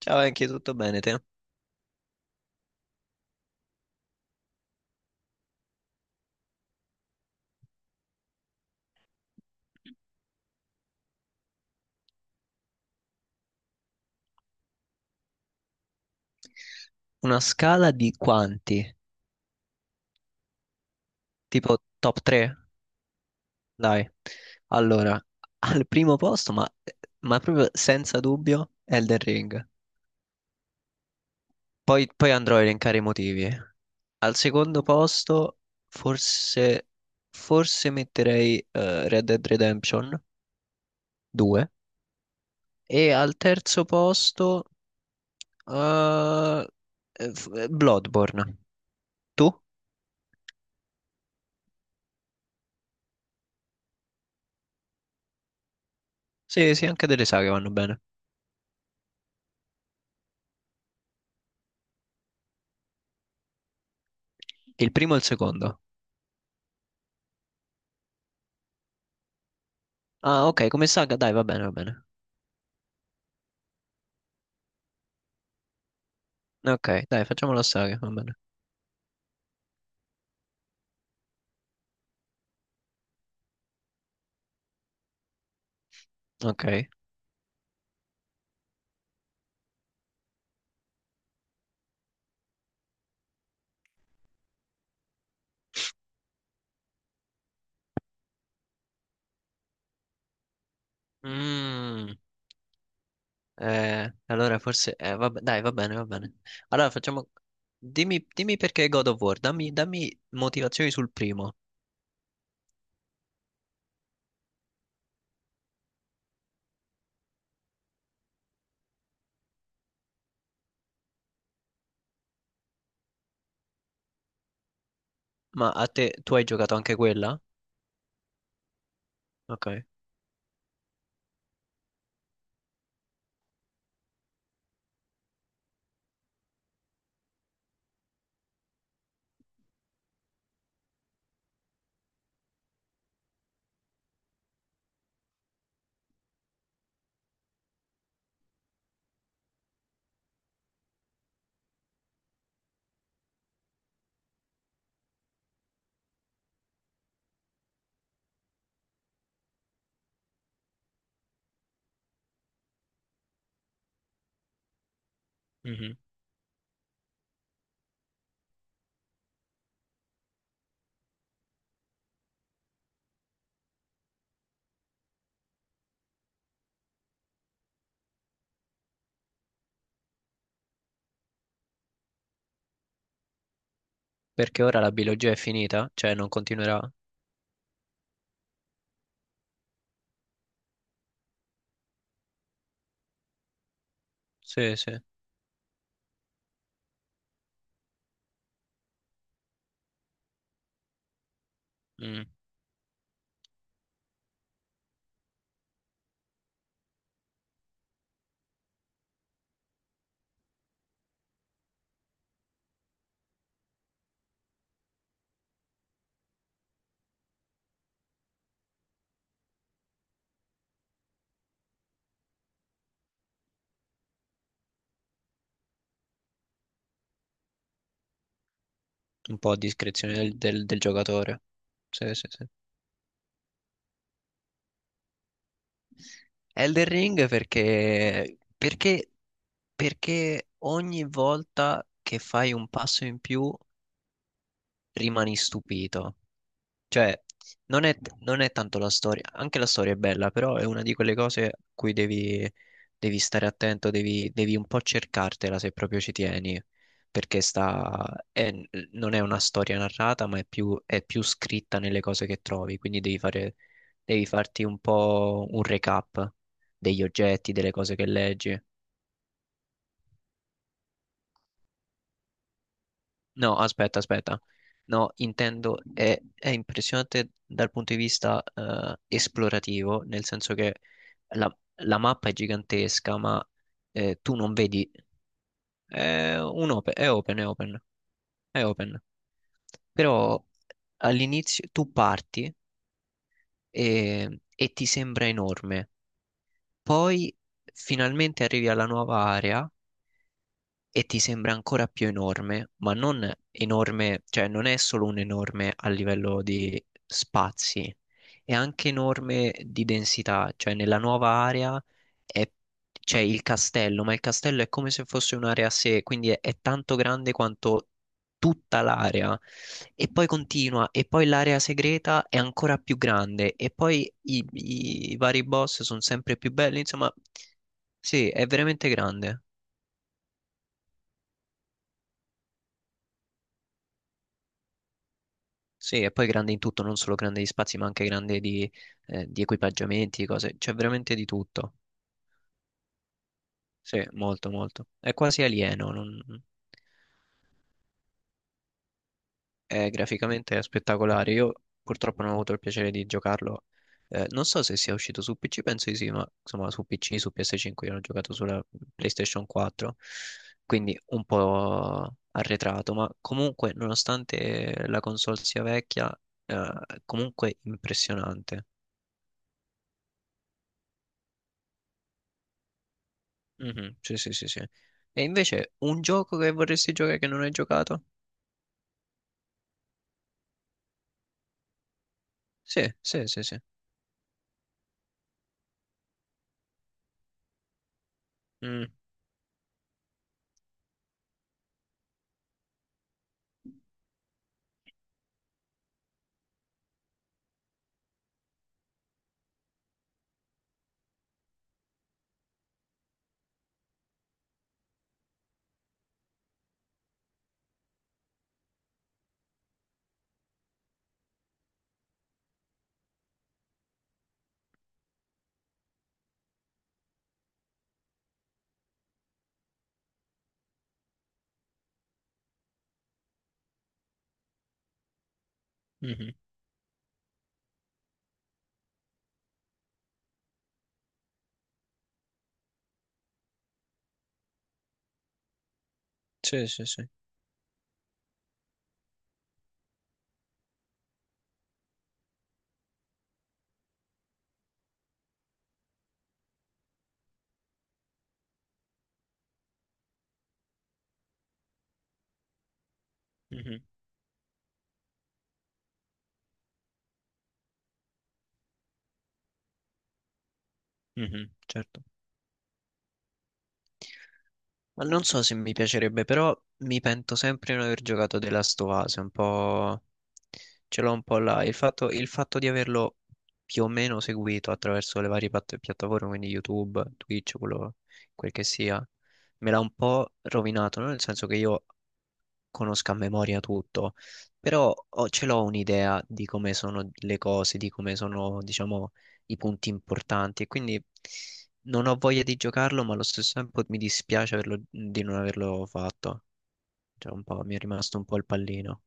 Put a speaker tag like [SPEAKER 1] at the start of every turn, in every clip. [SPEAKER 1] Ciao, anche tutto bene te? Una scala di quanti? Tipo top 3? Dai. Allora, al primo posto, ma proprio senza dubbio, Elden Ring. Poi andrò a elencare i motivi. Al secondo posto, forse, forse metterei Red Dead Redemption 2. E al terzo posto, eh, Bloodborne. Tu? Sì, sì, anche delle saghe vanno bene. Il primo e il secondo. Ah, ok, come saga? Dai, va bene, va bene. Ok, dai, facciamo la saga, va bene. Ok. Mm. Allora forse... vabbè, dai, va bene, va bene. Allora facciamo... Dimmi, dimmi perché God of War, dammi, dammi motivazioni sul primo. Ma a te, tu hai giocato anche quella? Ok. Mhm. Perché ora la biologia è finita? Cioè non continuerà? Sì, sì. Mm. Un po' a discrezione del giocatore. Sì, sì, sì. Elden Ring perché ogni volta che fai un passo in più rimani stupito. Cioè, non è tanto la storia, anche la storia è bella, però è una di quelle cose a cui devi, devi stare attento, devi un po' cercartela se proprio ci tieni, perché sta, è- non è una storia narrata, ma è più, scritta nelle cose che trovi, quindi devi fare, devi farti un po' un recap degli oggetti, delle cose che leggi. No, aspetta, aspetta. No, intendo, è impressionante dal punto di vista esplorativo, nel senso che la mappa è gigantesca, ma tu non vedi, è open, è open, è open. Però all'inizio tu parti e ti sembra enorme, poi finalmente arrivi alla nuova area e ti sembra ancora più enorme, ma non enorme, cioè non è solo un enorme a livello di spazi, è anche enorme di densità, cioè nella nuova area è- c'è il castello, ma il castello è come se fosse un'area a sé, quindi è tanto grande quanto tutta l'area. E poi continua, e poi l'area segreta è ancora più grande, e poi i vari boss sono sempre più belli, insomma, sì, è veramente grande. Sì, e poi grande in tutto, non solo grande di spazi, ma anche grande di equipaggiamenti, cose. C'è veramente di tutto. Sì, molto, molto. È quasi alieno. È graficamente spettacolare. Io purtroppo non ho avuto il piacere di giocarlo. Non so se sia uscito su PC, penso di sì, ma insomma su PC, su PS5, io l'ho giocato sulla PlayStation 4, quindi un po' arretrato, ma comunque, nonostante la console sia vecchia, eh, comunque impressionante. Mhm. Sì, sì, sì, sì. E invece un gioco che vorresti giocare che non hai giocato? Sì, sì, sì, sì. Mm. Mhm. Sì, sì, sì. Mhm. Mhm. Certo. Ma non so se mi piacerebbe, però mi pento sempre di non aver giocato The Last of Us, un po'... Ce l'ho un po' là. Il fatto di averlo più o meno seguito attraverso le varie piattaforme, quindi YouTube, Twitch, quello, quel che sia, me l'ha un po' rovinato, no? Nel senso che io conosca a memoria tutto, però ce l'ho un'idea di come sono le cose, di come sono, diciamo, i punti importanti e quindi non ho voglia di giocarlo, ma allo stesso tempo mi dispiace di non averlo fatto. Cioè, un po', mi è rimasto un po' il pallino.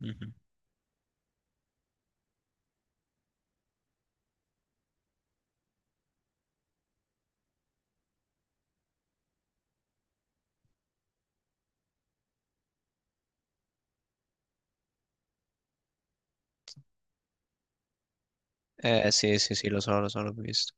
[SPEAKER 1] Mhm. Eh sì, sì, sì, lo so, l'ho visto.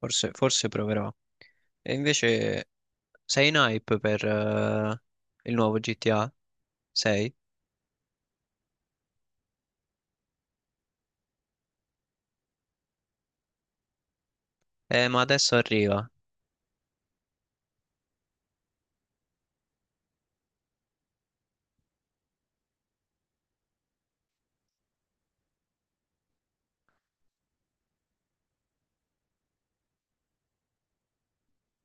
[SPEAKER 1] Forse proverò. E invece sei in hype per il nuovo GTA? Sei? Ma adesso arriva.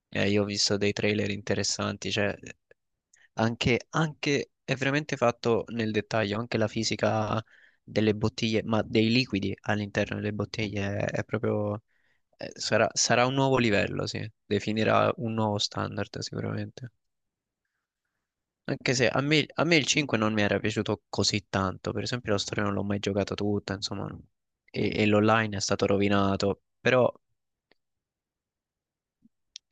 [SPEAKER 1] Io ho visto dei trailer interessanti, cioè anche è veramente fatto nel dettaglio, anche la fisica delle bottiglie, ma dei liquidi all'interno delle bottiglie è proprio, sarà un nuovo livello, sì, definirà un nuovo standard sicuramente. Anche se a me il 5 non mi era piaciuto così tanto, per esempio la storia non l'ho mai giocata tutta, insomma, e l'online è stato rovinato, però.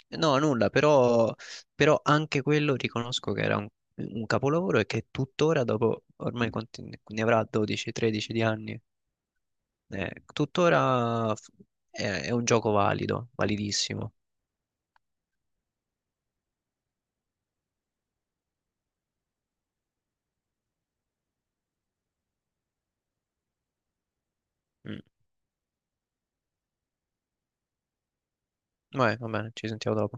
[SPEAKER 1] No, nulla, però anche quello riconosco che era un capolavoro e che tuttora, dopo ormai quanti ne avrà 12-13 di anni, tuttora è un gioco valido, validissimo. Mm. Vabbè, va bene, ci sentiamo dopo.